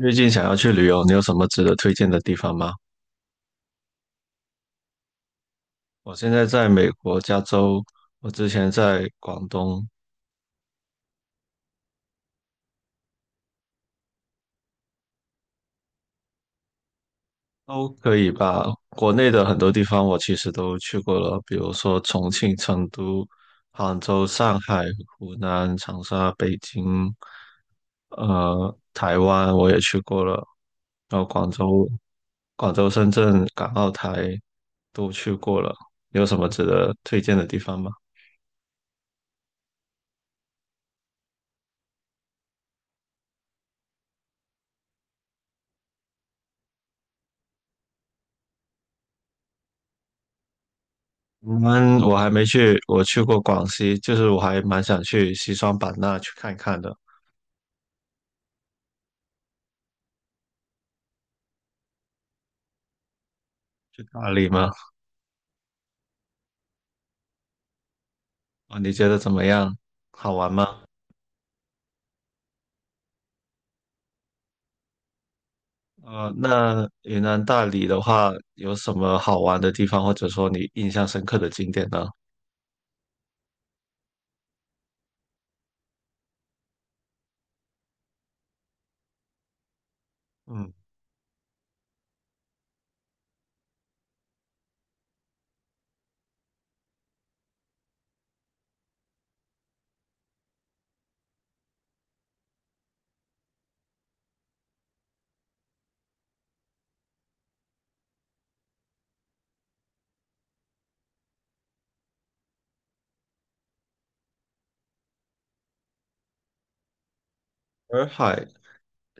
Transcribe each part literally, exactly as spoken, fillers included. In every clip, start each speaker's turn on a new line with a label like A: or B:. A: 最近想要去旅游，你有什么值得推荐的地方吗？我现在在美国加州，我之前在广东，都可以吧。国内的很多地方我其实都去过了，比如说重庆、成都、杭州、上海、湖南、长沙、北京，呃，台湾我也去过了，然后广州、广州、深圳、港澳台都去过了。有什么值得推荐的地方吗？我们我还没去，我去过广西，就是我还蛮想去西双版纳去看看的，去大理吗？啊，你觉得怎么样？好玩吗？呃，那云南大理的话，有什么好玩的地方，或者说你印象深刻的景点呢？嗯，洱海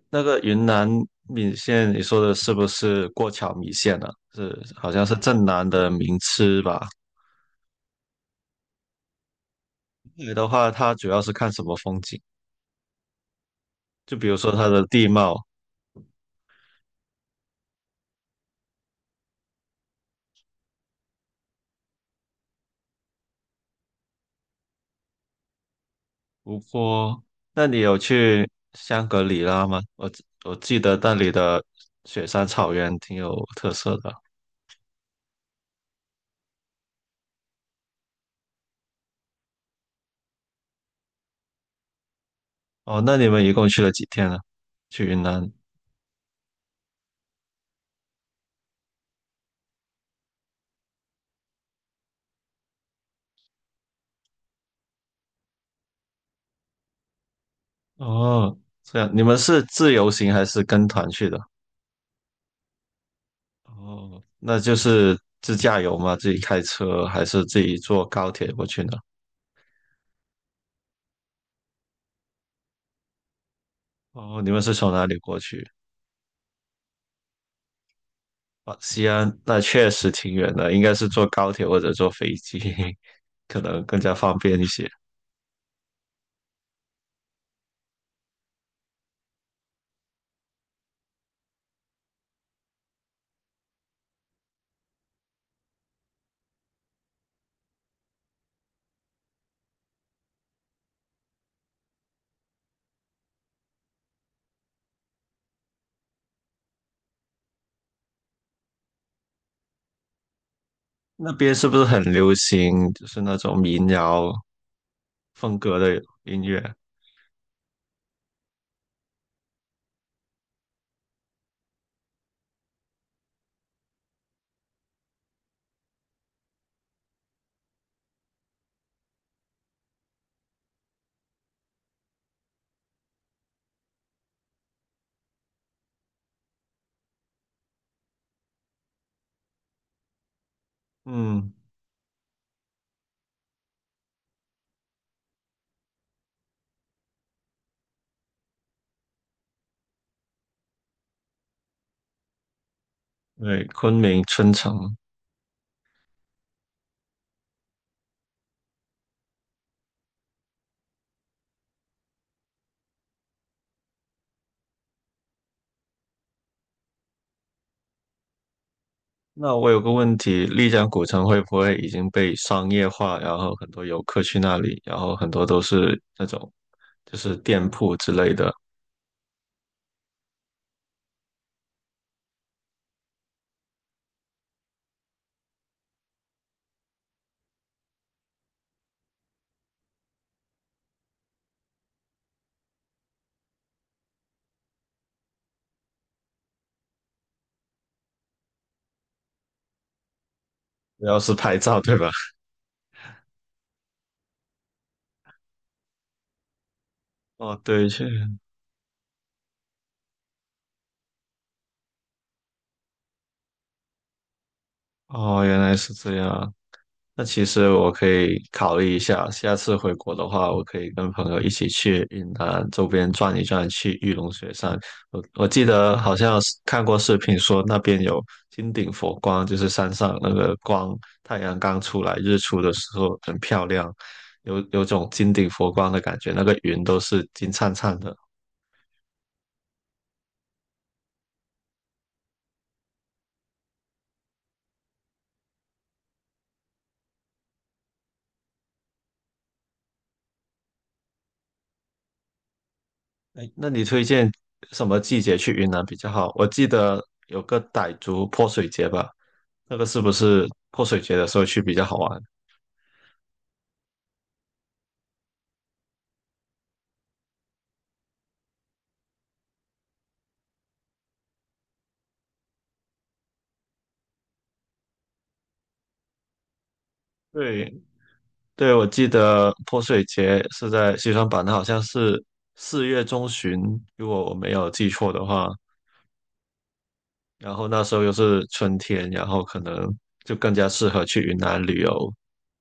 A: 那个云南米线，你说的是不是过桥米线呢、是，好像是镇南的名吃吧？洱海的话，它主要是看什么风景？就比如说它的地貌，湖泊，那你有去香格里拉吗？我记我记得那里的雪山草原挺有特色的。哦，那你们一共去了几天呢？去云南？哦，这样，你们是自由行还是跟团去的？哦，那就是自驾游吗？自己开车还是自己坐高铁过去呢？哦，你们是从哪里过去？哦，西安，那确实挺远的，应该是坐高铁或者坐飞机，可能更加方便一些。那边是不是很流行，就是那种民谣风格的音乐？嗯，对，昆明春城。那我有个问题，丽江古城会不会已经被商业化，然后很多游客去那里，然后很多都是那种就是店铺之类的，主要是拍照，对吧？哦，对，确哦，原来是这样。那其实我可以考虑一下，下次回国的话，我可以跟朋友一起去云南周边转一转，去玉龙雪山。我我记得好像是看过视频说那边有金顶佛光，就是山上那个光，太阳刚出来日出的时候很漂亮，有有种金顶佛光的感觉，那个云都是金灿灿的。哎，那你推荐什么季节去云南比较好？我记得有个傣族泼水节吧，那个是不是泼水节的时候去比较好玩？对对，我记得泼水节是在西双版纳，好像是四月中旬，如果我没有记错的话。然后那时候又是春天，然后可能就更加适合去云南旅游。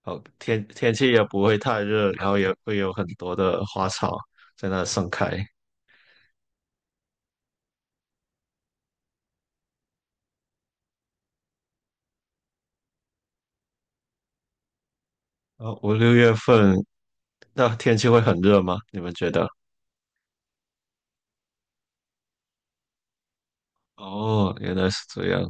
A: 哦，天天气也不会太热，然后也会有很多的花草在那盛开。哦，五六月份，那天气会很热吗？你们觉得？哦，原来是这样。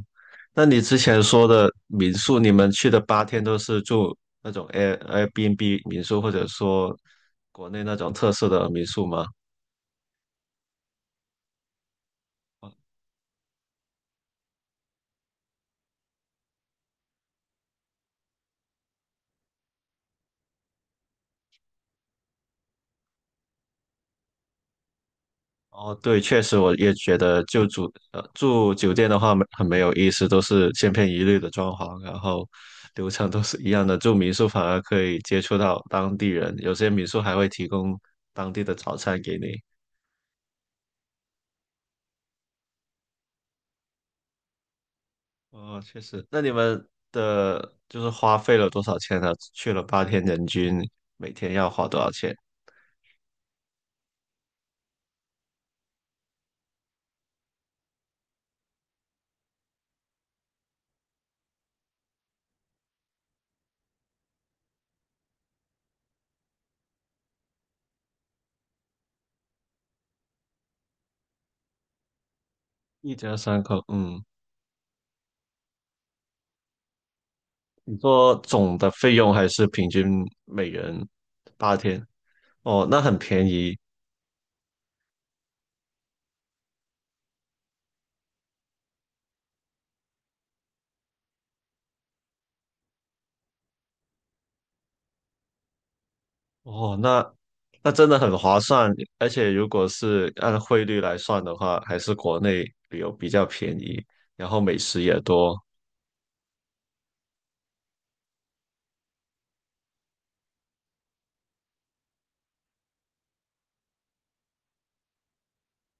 A: 那你之前说的民宿，你们去的八天都是住那种 Air Airbnb 民宿，或者说国内那种特色的民宿吗？哦，对，确实，我也觉得就住呃住酒店的话没很没有意思，都是千篇一律的装潢，然后流程都是一样的。住民宿反而可以接触到当地人，有些民宿还会提供当地的早餐给你。哦，确实。那你们的就是花费了多少钱呢？去了八天，人均每天要花多少钱？一家三口，嗯，你说总的费用还是平均每人八天？哦，那很便宜哦，那那真的很划算。而且如果是按汇率来算的话，还是国内旅游比较便宜，然后美食也多。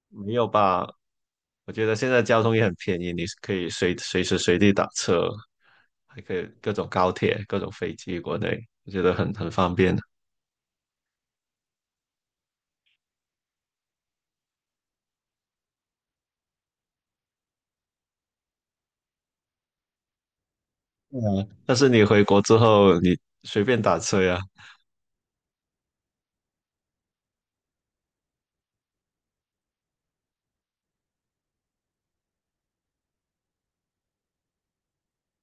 A: 没有吧？我觉得现在交通也很便宜，你可以随随时随地打车。还可以各种高铁、各种飞机，国内我觉得很很方便的。对啊，但是你回国之后，你随便打车呀。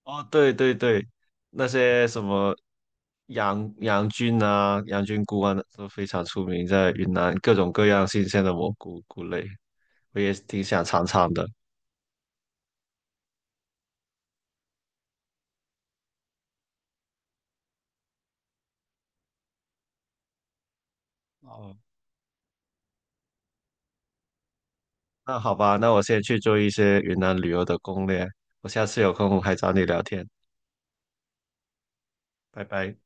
A: 哦，对对对，那些什么杨杨菌啊、羊菌菇啊，都非常出名，在云南各种各样新鲜的蘑菇菇类，我也挺想尝尝的。哦，那好吧，那我先去做一些云南旅游的攻略，我下次有空还找你聊天，拜拜。